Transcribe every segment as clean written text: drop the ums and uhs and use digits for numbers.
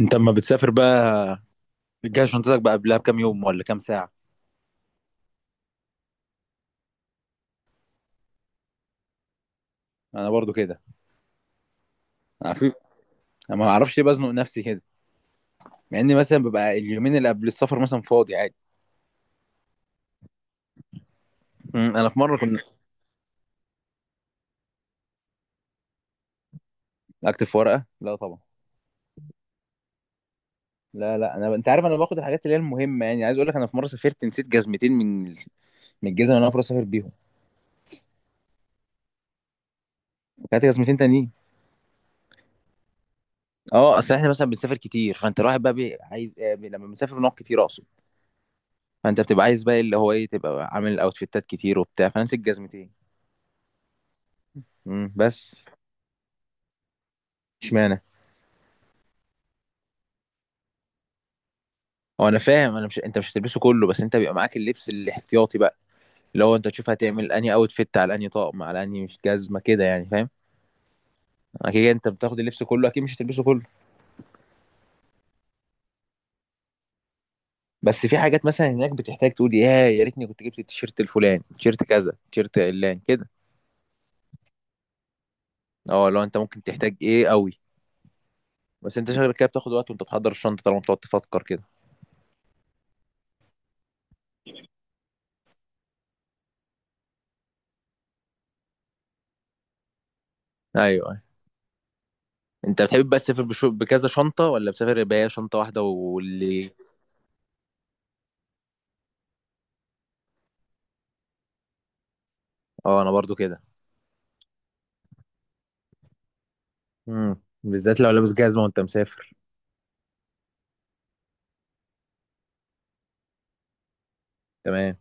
انت اما بتسافر بقى، بتجهز شنطتك بقى قبلها بكام يوم ولا كام ساعه؟ انا برضو كده. انا في انا ما اعرفش ليه بزنق نفسي كده، مع اني مثلا ببقى اليومين اللي قبل السفر مثلا فاضي عادي. انا في مره كنت. اكتب في ورقه؟ لا طبعا. لا لا، انا، انت عارف، انا باخد الحاجات اللي هي المهمه، يعني عايز اقول لك انا في مره سافرت نسيت جزمتين من الجزم اللي انا المفروض اسافر بيهم. كانت جزمتين تانيين. اه، اصل احنا مثلا بنسافر كتير، فانت الواحد بقى عايز لما بنسافر بنقعد كتير اقصد. فانت بتبقى عايز بقى اللي هو ايه، تبقى عامل اوتفيتات كتير وبتاع، فنسيت جزمتين. بس. اشمعنى؟ هو انا فاهم، انا مش انت مش هتلبسه كله، بس انت بيبقى معاك اللبس الاحتياطي بقى، اللي هو انت تشوف هتعمل انهي اوت فيت على انهي طقم على انهي مش جزمه كده، يعني فاهم. اكيد انت بتاخد اللبس كله، اكيد مش هتلبسه كله. بس في حاجات مثلا هناك بتحتاج تقول يا ريتني كنت جبت التيشيرت الفلاني، تيشيرت كذا، تيشيرت علان كده. اه، لو انت ممكن تحتاج ايه قوي. بس انت شغلك كده بتاخد وقت وانت بتحضر الشنطه طالما بتقعد تفكر كده. ايوه، أيوة. انت بتحب بقى تسافر بكذا شنطه، ولا بتسافر بهي شنطه واحده واللي. اه انا برضو كده. امم، بالذات لو لابس جزمه وانت مسافر. تمام.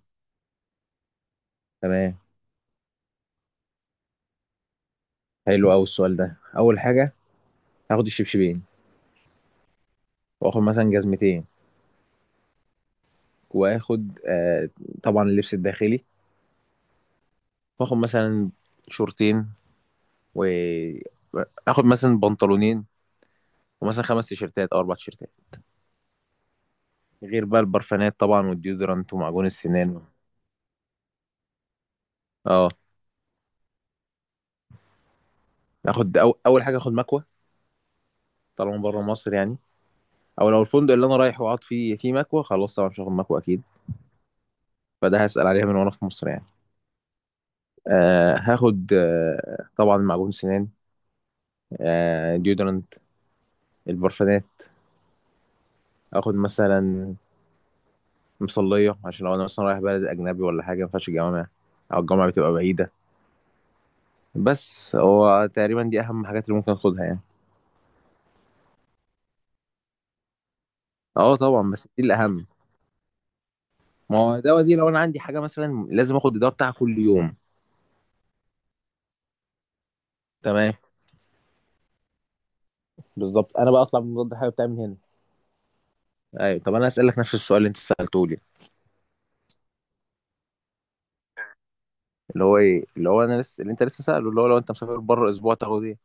تمام. حلو قوي السؤال ده. اول حاجه هاخد الشبشبين. واخد مثلا جزمتين. واخد آه، طبعا اللبس الداخلي. واخد مثلا شورتين. واخد مثلا بنطلونين. ومثلا 5 تيشيرتات او 4 تيشيرتات. غير بقى البرفانات طبعا، والديودرانت، ومعجون السنان. اه، اول حاجه اخد مكوه. طالما بره مصر يعني. او لو الفندق اللي انا رايح وقعد فيه فيه مكوه، خلاص طبعا مش هاخد مكوه اكيد. فده هسال عليها من وانا في مصر يعني. آه، هاخد آه، طبعا معجون سنان. آه، ديودرانت. البرفانات. اخد مثلا مصلية، عشان لو انا مثلا رايح بلد اجنبي ولا حاجة ما ينفعش الجامعة، او الجامعة بتبقى بعيدة. بس هو تقريبا دي اهم حاجات اللي ممكن اخدها يعني. اه طبعا، بس دي الاهم. ما هو الدواء دي لو انا عندي حاجة مثلا لازم اخد الدواء بتاعها كل يوم. تمام. بالظبط، انا بقى اطلع من مضاد الحيوي بتاعي من هنا. ايوه. طب انا اسالك نفس السؤال اللي انت سالته لي. اللي هو ايه، اللي هو انا لسه، اللي انت لسه ساله، اللي هو لو انت مسافر بره اسبوع تاخد ايه.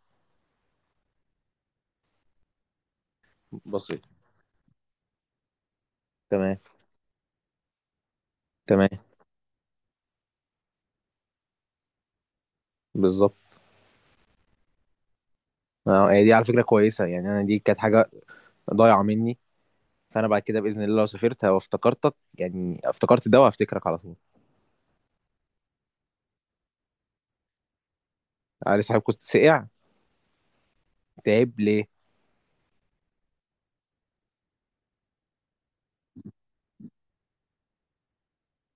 بسيط. تمام. تمام. بالظبط. اه هي دي على فكره كويسه يعني، انا دي كانت حاجه ضايعه مني، فانا بعد كده باذن الله لو سافرت وافتكرتك يعني افتكرت ده وهفتكرك على طول. علي صاحب كنت سقع؟ تعب ليه؟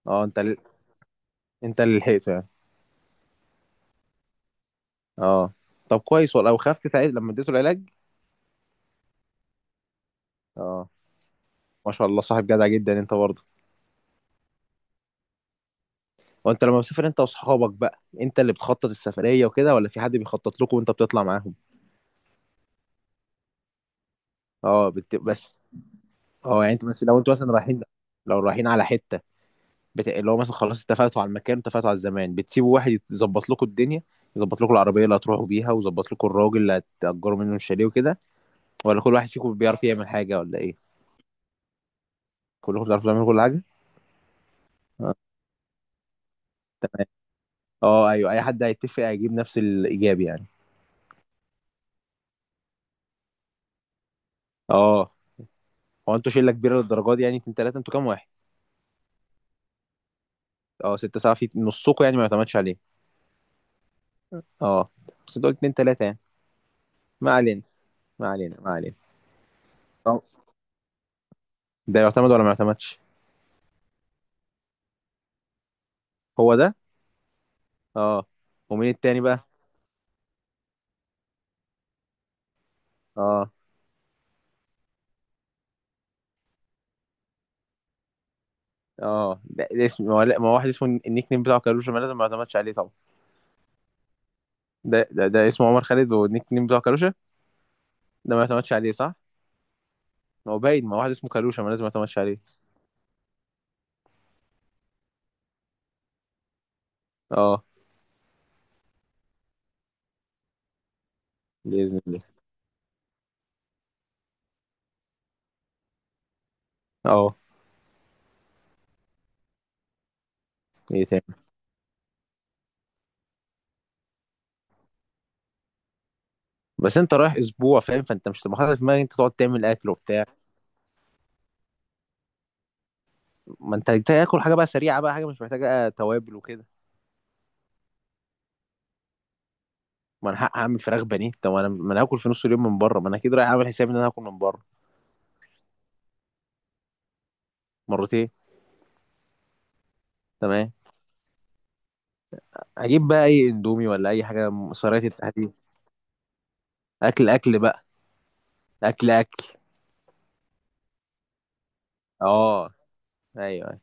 اه انت انت اللي لحقته يعني. اه. طب كويس والله، وخفت ساعتها لما اديته العلاج. اه. ما شاء الله، صاحب جدع جدا انت برضه. وانت لما بتسافر انت واصحابك بقى، انت اللي بتخطط السفريه وكده، ولا في حد بيخطط لكم وانت بتطلع معاهم؟ اه بس. اه يعني انت بس لو انتوا مثلا رايحين، لو رايحين على حته، اللي هو مثلا خلاص اتفقتوا على المكان، اتفقتوا على الزمان، بتسيبوا واحد يظبط لكم الدنيا، يظبط لكم العربيه اللي هتروحوا بيها، ويظبط لكم الراجل اللي هتأجروا منه الشاليه وكده، ولا كل واحد فيكم بيعرف يعمل حاجه ولا ايه؟ كلكم بتعرفوا تعملوا كل حاجه. اه. تمام. آه، ايوه اي حد هيتفق هيجيب نفس الايجاب يعني. اه. هو انتوا شله كبيره للدرجه دي يعني؟ اتنين تلاته انتوا كام واحد؟ اه 6 7 في نصكم يعني ما يعتمدش عليه. اه بس انتوا قلت اتنين تلاته يعني. ما علينا، ما علينا، ما علينا. آه. ده يعتمد ولا ما يعتمدش؟ هو ده. اه. ومين التاني بقى؟ اه. اه، ده ده اسم، ما هو لا، ما هو واحد اسمه النيك نيم بتاعه كاروشا، ما لازم ما يعتمدش عليه طبعا. ده اسمه عمر خالد، والنيك نيم بتاعه كاروشا، ده ما يعتمدش عليه صح؟ ما هو باين، ما هو واحد اسمه كاروشا ما لازم ما يعتمدش عليه. اه. بإذن الله. اه، ايه تاني. بس انت رايح اسبوع فاهم، فانت مش هتبقى حاطط في دماغك انت تقعد تعمل اكل وبتاع. ما انت تاكل حاجه بقى سريعه بقى، حاجه مش محتاجه توابل وكده. ما انا هعمل فراخ بانيه، طب ما انا هاكل في نص اليوم من بره، ما انا اكيد رايح اعمل حسابي ان انا هاكل من بره. مرتين. تمام. هجيب بقى اي اندومي ولا اي حاجه سريعه التحضير. اكل اكل بقى. اكل اكل. اه. ايوه، أيوة.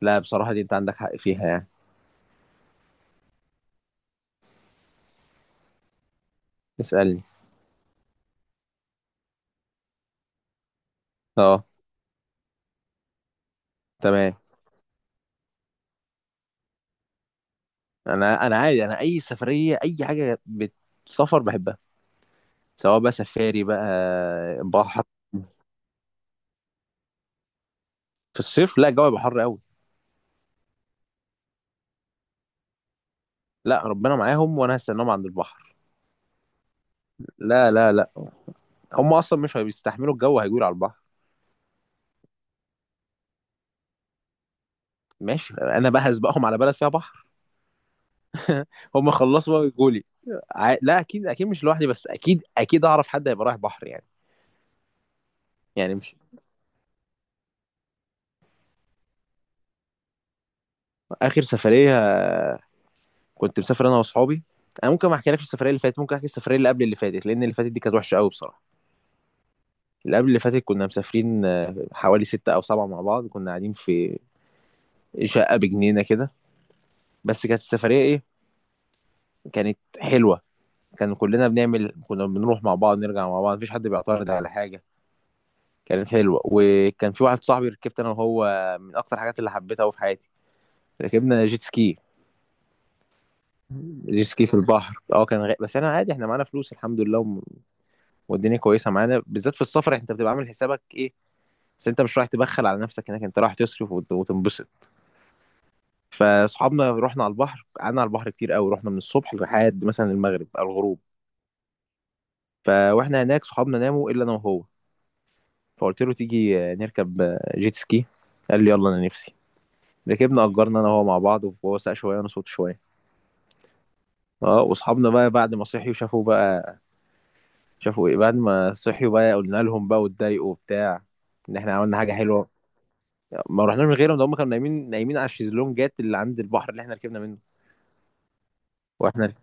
لا بصراحه دي انت عندك حق فيها يعني. اسالني. اه. تمام. انا عادي، انا اي سفريه اي حاجه بتسافر بحبها، سواء بقى سفاري بقى. بحر. في الصيف لا الجو يبقى حر قوي. لا ربنا معاهم، وانا هستناهم عند البحر. لا لا لا، هم اصلا مش هيستحملوا الجو، هيجوا على البحر. ماشي، انا بقى هسبقهم على بلد فيها بحر. هم خلصوا بقى ويجوا لي. لا اكيد اكيد مش لوحدي، بس اكيد اكيد اعرف حد هيبقى رايح بحر يعني. يعني مش. اخر سفريه كنت مسافر انا واصحابي. انا ممكن ما احكيلكش السفريه اللي فاتت، ممكن احكي السفريه اللي قبل اللي فاتت، لان اللي فاتت دي كانت وحشه قوي بصراحه. اللي قبل اللي فاتت كنا مسافرين آه، حوالي 6 أو 7 مع بعض، كنا قاعدين في شقة بجنينة كده. بس كانت السفرية إيه، كانت حلوة. كان كلنا بنعمل، كنا بنروح مع بعض نرجع مع بعض، مفيش حد بيعترض على حاجة. كانت حلوة. وكان في واحد صاحبي ركبت أنا وهو، من أكتر الحاجات اللي حبيتها أوي في حياتي. ركبنا جيت سكي. جيت سكي في البحر. اه كان بس انا عادي، احنا معانا فلوس الحمد لله والدنيا كويسه معانا، بالذات في السفر انت بتبقى عامل حسابك ايه، بس انت مش رايح تبخل على نفسك هناك، انت رايح تصرف وتنبسط. فاصحابنا رحنا على البحر، قعدنا على البحر كتير قوي، رحنا من الصبح لحد مثلا المغرب او الغروب. فواحنا هناك صحابنا ناموا الا انا وهو، فقلت له تيجي نركب جيت سكي. قال لي يلا انا نفسي. ركبنا، اجرنا انا وهو مع بعض، وهو ساق شويه وانا صوت شويه. اه. واصحابنا بقى بعد ما صحيوا شافوا بقى، شافوا ايه بعد ما صحيوا بقى قلنا لهم بقى واتضايقوا وبتاع. ان احنا عملنا حاجه حلوه. ما رحناش من غيرهم ده، هم كانوا نايمين نايمين على الشيزلونجات اللي عند البحر اللي احنا ركبنا منه. واحنا.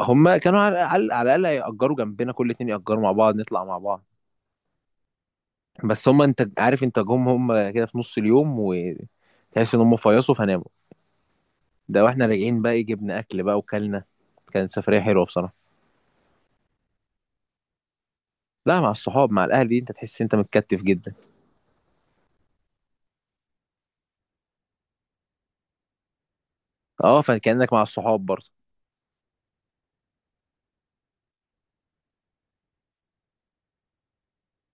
هم كانوا على الاقل يأجروا جنبنا، كل اتنين يأجروا مع بعض نطلع مع بعض. بس هم انت عارف انت جم، هم كده في نص اليوم وتحس ان هم فيصوا فناموا. ده واحنا راجعين بقى إيه، جبنا اكل بقى وكلنا. كانت سفريه حلوه بصراحه. لا مع الصحاب، مع الاهل دي انت تحس انت متكتف جدا. اه فكانك مع الصحاب برضه.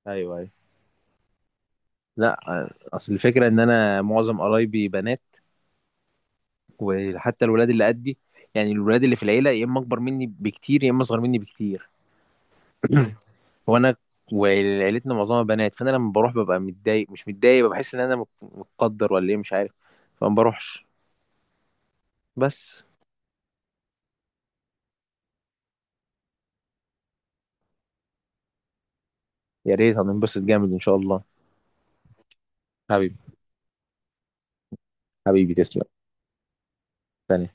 ايوه ايوه. لا اصل الفكره ان انا معظم قرايبي بنات، وحتى الولاد اللي قدي، يعني الولاد اللي في العيله يا اما اكبر مني بكتير يا اما اصغر مني بكتير. وانا وعيلتنا معظمها بنات، فانا لما بروح ببقى متضايق، مش متضايق، بحس ان انا متقدر ولا ايه مش عارف، فما بروحش. بس. يا ريت، هننبسط جامد ان شاء الله. حبيبي حبيبي تسلم. تاني.